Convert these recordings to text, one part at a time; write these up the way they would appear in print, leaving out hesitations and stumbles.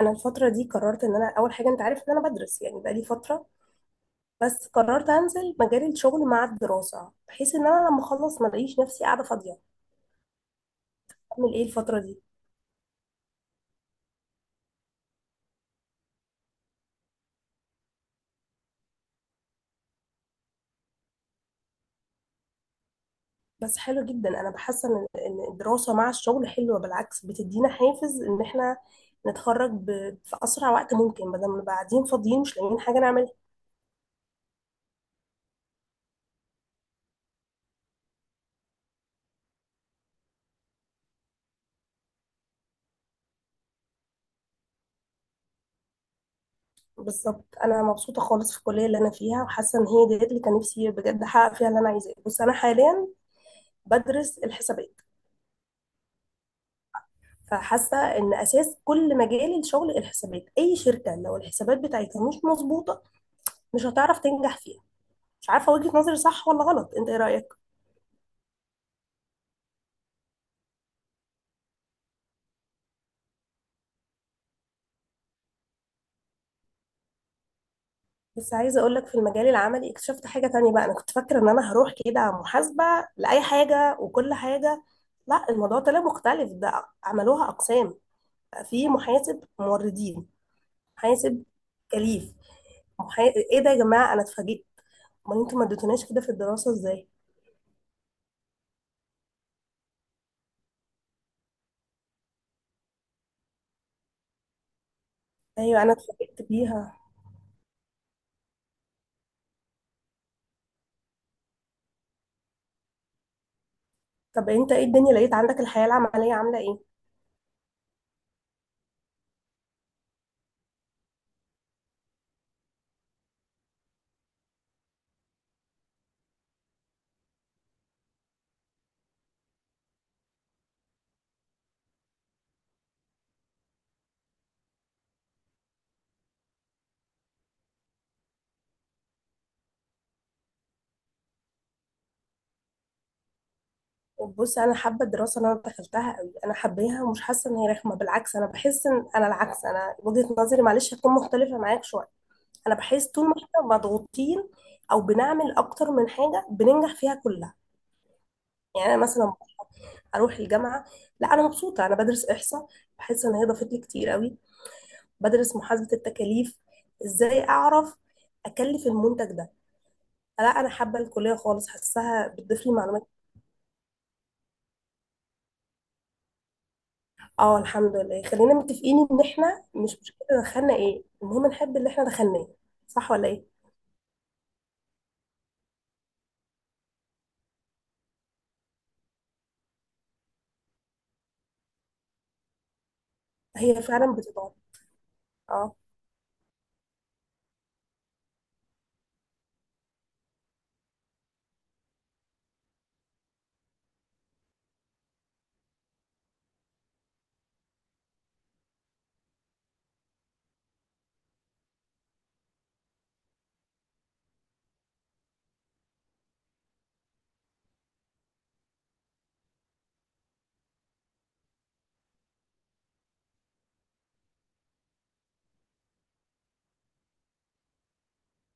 انا الفتره دي قررت ان انا اول حاجه. انت عارف ان انا بدرس، يعني بقالي فتره، بس قررت انزل مجال الشغل مع الدراسه، بحيث ان انا لما اخلص ما الاقيش نفسي قاعده فاضيه اعمل ايه الفتره دي. بس حلو جدا، انا بحس ان إن الدراسه مع الشغل حلوه، بالعكس بتدينا حافز ان احنا نتخرج في اسرع وقت ممكن، بدل ما نبقى قاعدين فاضيين مش لاقيين حاجه نعملها. بالظبط انا مبسوطه خالص في الكليه اللي انا فيها، وحاسه ان هي ديت اللي كان نفسي بجد احقق فيها اللي انا عايزاه، بس انا حاليا بدرس الحسابات. فحاسه ان اساس كل مجال الشغل الحسابات، اي شركه لو الحسابات بتاعتها مش مظبوطه مش هتعرف تنجح فيها. مش عارفه وجهه نظري صح ولا غلط، انت ايه رايك؟ بس عايزه اقول لك، في المجال العملي اكتشفت حاجه تانية بقى. انا كنت فاكره ان انا هروح كده محاسبه لاي حاجه وكل حاجه. لا، الموضوع طلع مختلف، ده عملوها اقسام، بقى في محاسب موردين، محاسب تكاليف، محا... ايه ده يا جماعه؟ انا اتفاجئت. امال انتوا ما اديتوناش كده في الدراسه ازاي؟ ايوه انا اتفاجئت بيها. طب انت ايه الدنيا، لقيت عندك الحياة العملية عاملة ايه؟ بص انا حابة الدراسة اللي انا دخلتها قوي، انا حباها ومش حاسة ان هي رخمة، بالعكس انا بحس ان انا العكس. انا وجهة نظري معلش هتكون مختلفة معاك شوية. انا بحس طول ما احنا مضغوطين او بنعمل اكتر من حاجة بننجح فيها كلها. يعني انا مثلا اروح الجامعة. لا، انا مبسوطة، انا بدرس احصاء، بحس ان هي ضافت لي كتير قوي. بدرس محاسبة التكاليف، ازاي اعرف اكلف المنتج ده. لا انا حابة الكلية خالص، حاساها بتضيف لي معلومات. اه الحمد لله، خلينا متفقين ان احنا مش مشكله دخلنا ايه، المهم نحب اللي احنا دخلناه، صح ولا ايه؟ هي فعلا بتضاد. اه.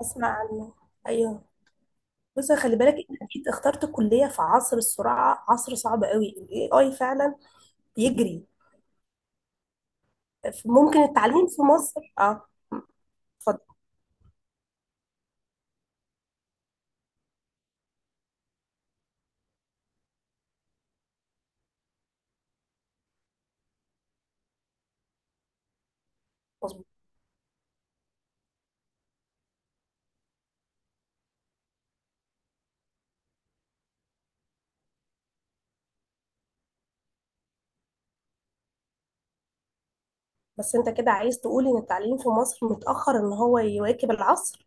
اسمع عنه، ايوه. بص خلي بالك، انت اكيد اخترت كليه في عصر السرعه، عصر صعب قوي، الاي اي فعلا بيجري. ممكن التعليم في مصر اه. اتفضل. مظبوط. بس انت كده عايز تقول ان التعليم في مصر متاخر ان هو يواكب العصر.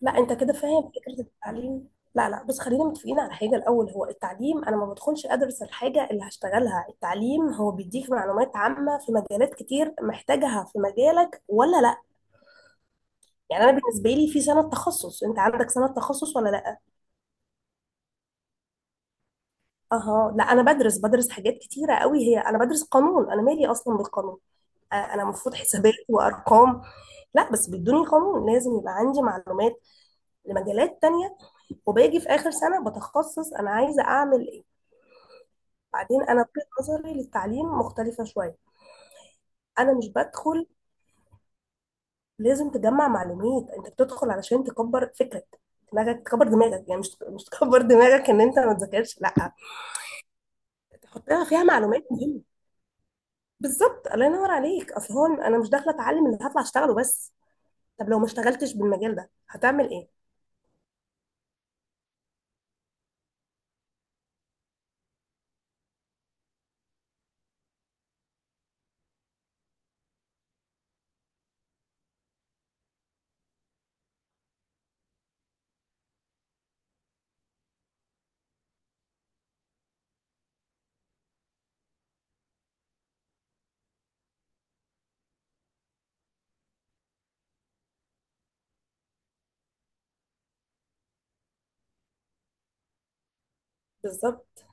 لا، انت كده فاهم فكره التعليم. لا، بص خلينا متفقين على حاجه الاول. هو التعليم، انا ما بدخلش ادرس الحاجه اللي هشتغلها، التعليم هو بيديك معلومات عامه في مجالات كتير، محتاجها في مجالك ولا لا؟ يعني انا بالنسبه لي في سنه تخصص، انت عندك سنه تخصص ولا لا؟ اها، لا انا بدرس حاجات كتيره قوي. هي انا بدرس قانون، انا مالي اصلا بالقانون؟ انا المفروض حسابات وارقام. لا بس بيدوني قانون لازم يبقى عندي معلومات لمجالات تانية. وباجي في آخر سنة بتخصص أنا عايزة أعمل. بعدين انا وجهة نظري للتعليم مختلفه شويه. انا مش بدخل. لازم تجمع معلومات، انت بتدخل علشان تكبر فكرك، دماغك، تكبر دماغك. يعني مش تكبر دماغك ان انت ما تذاكرش، لا، تحط لها فيها معلومات مهمه. بالظبط، الله ينور عليك. اصل هو انا مش داخله اتعلم اللي هطلع اشتغله بس. طب لو ما اشتغلتش بالمجال ده هتعمل ايه؟ بالظبط.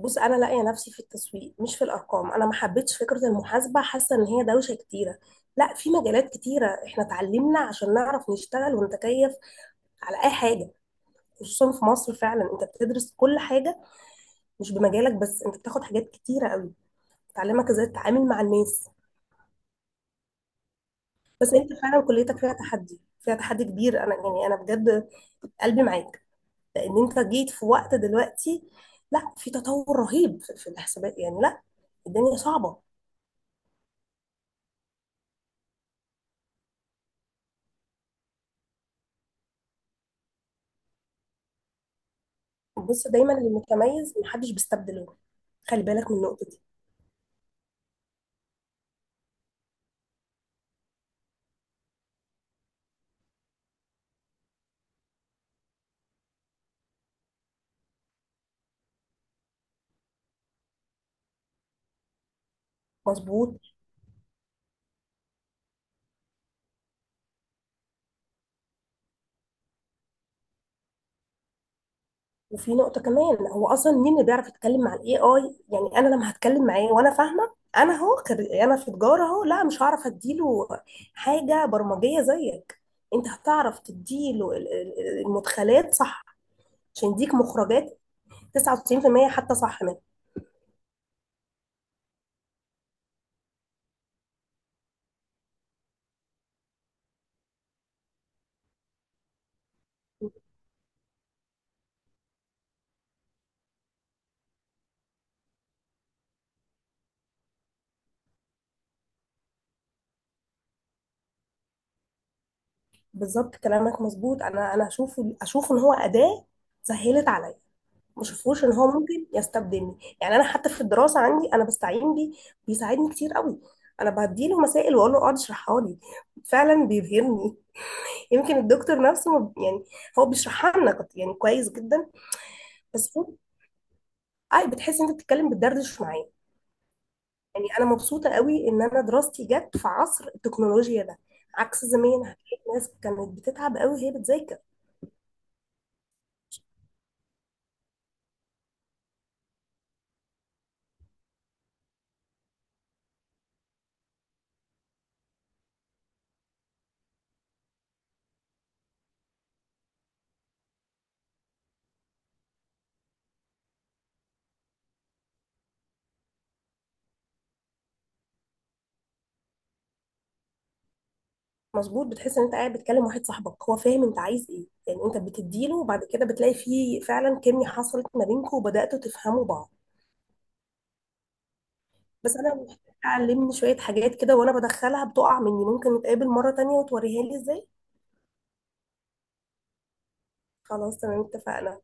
بص انا لاقيه نفسي في التسويق مش في الارقام، انا ما حبيتش فكره المحاسبه، حاسه ان هي دوشه كتيره. لا، في مجالات كتيرة احنا اتعلمنا عشان نعرف نشتغل ونتكيف على اي حاجه. خصوصا في مصر فعلا انت بتدرس كل حاجه، مش بمجالك بس، انت بتاخد حاجات كتيره قوي بتعلمك ازاي تتعامل مع الناس. بس انت فعلا كليتك فيها تحدي، فيها تحدي كبير. انا يعني انا بجد قلبي معاك، لان انت جيت في وقت دلوقتي. لا، في تطور رهيب في الحسابات. يعني لا، الدنيا صعبه. بص دايما اللي متميز محدش بيستبدله، خلي بالك من النقطه دي. مظبوط. وفي نقطة كمان، هو أصلا مين اللي بيعرف يتكلم مع الاي اي؟ يعني أنا لما هتكلم معاه وأنا فاهمة أنا، هو أنا في تجارة أهو، لا مش هعرف أديله حاجة برمجية زيك. أنت هتعرف تديله المدخلات صح عشان يديك مخرجات 99% حتى صح منها. بالظبط كلامك مظبوط. أنا أشوفه، أشوف إن هو أداة سهلت عليا، ما شافوش ان هو ممكن يستبدلني. يعني انا حتى في الدراسه عندي انا بستعين بيه، بيساعدني كتير قوي. انا بديله مسائل واقول له اقعد اشرحها لي، فعلا بيبهرني. يمكن الدكتور نفسه ما يعني هو بيشرحها لنا يعني كويس جدا. بس هو اي، بتحس ان انت بتتكلم بتدردش معاه. يعني انا مبسوطه قوي ان انا دراستي جت في عصر التكنولوجيا ده، عكس زمان هتلاقي الناس كانت بتتعب قوي وهي بتذاكر. مظبوط، بتحس ان انت قاعد بتكلم واحد صاحبك هو فاهم انت عايز ايه. يعني انت بتديله وبعد كده بتلاقي فيه فعلا كيميا حصلت ما بينكم وبداتوا تفهموا بعض. بس انا محتاجة، علمني شويه حاجات كده، وانا بدخلها بتقع مني، ممكن نتقابل مره تانية وتوريها لي ازاي؟ خلاص تمام اتفقنا.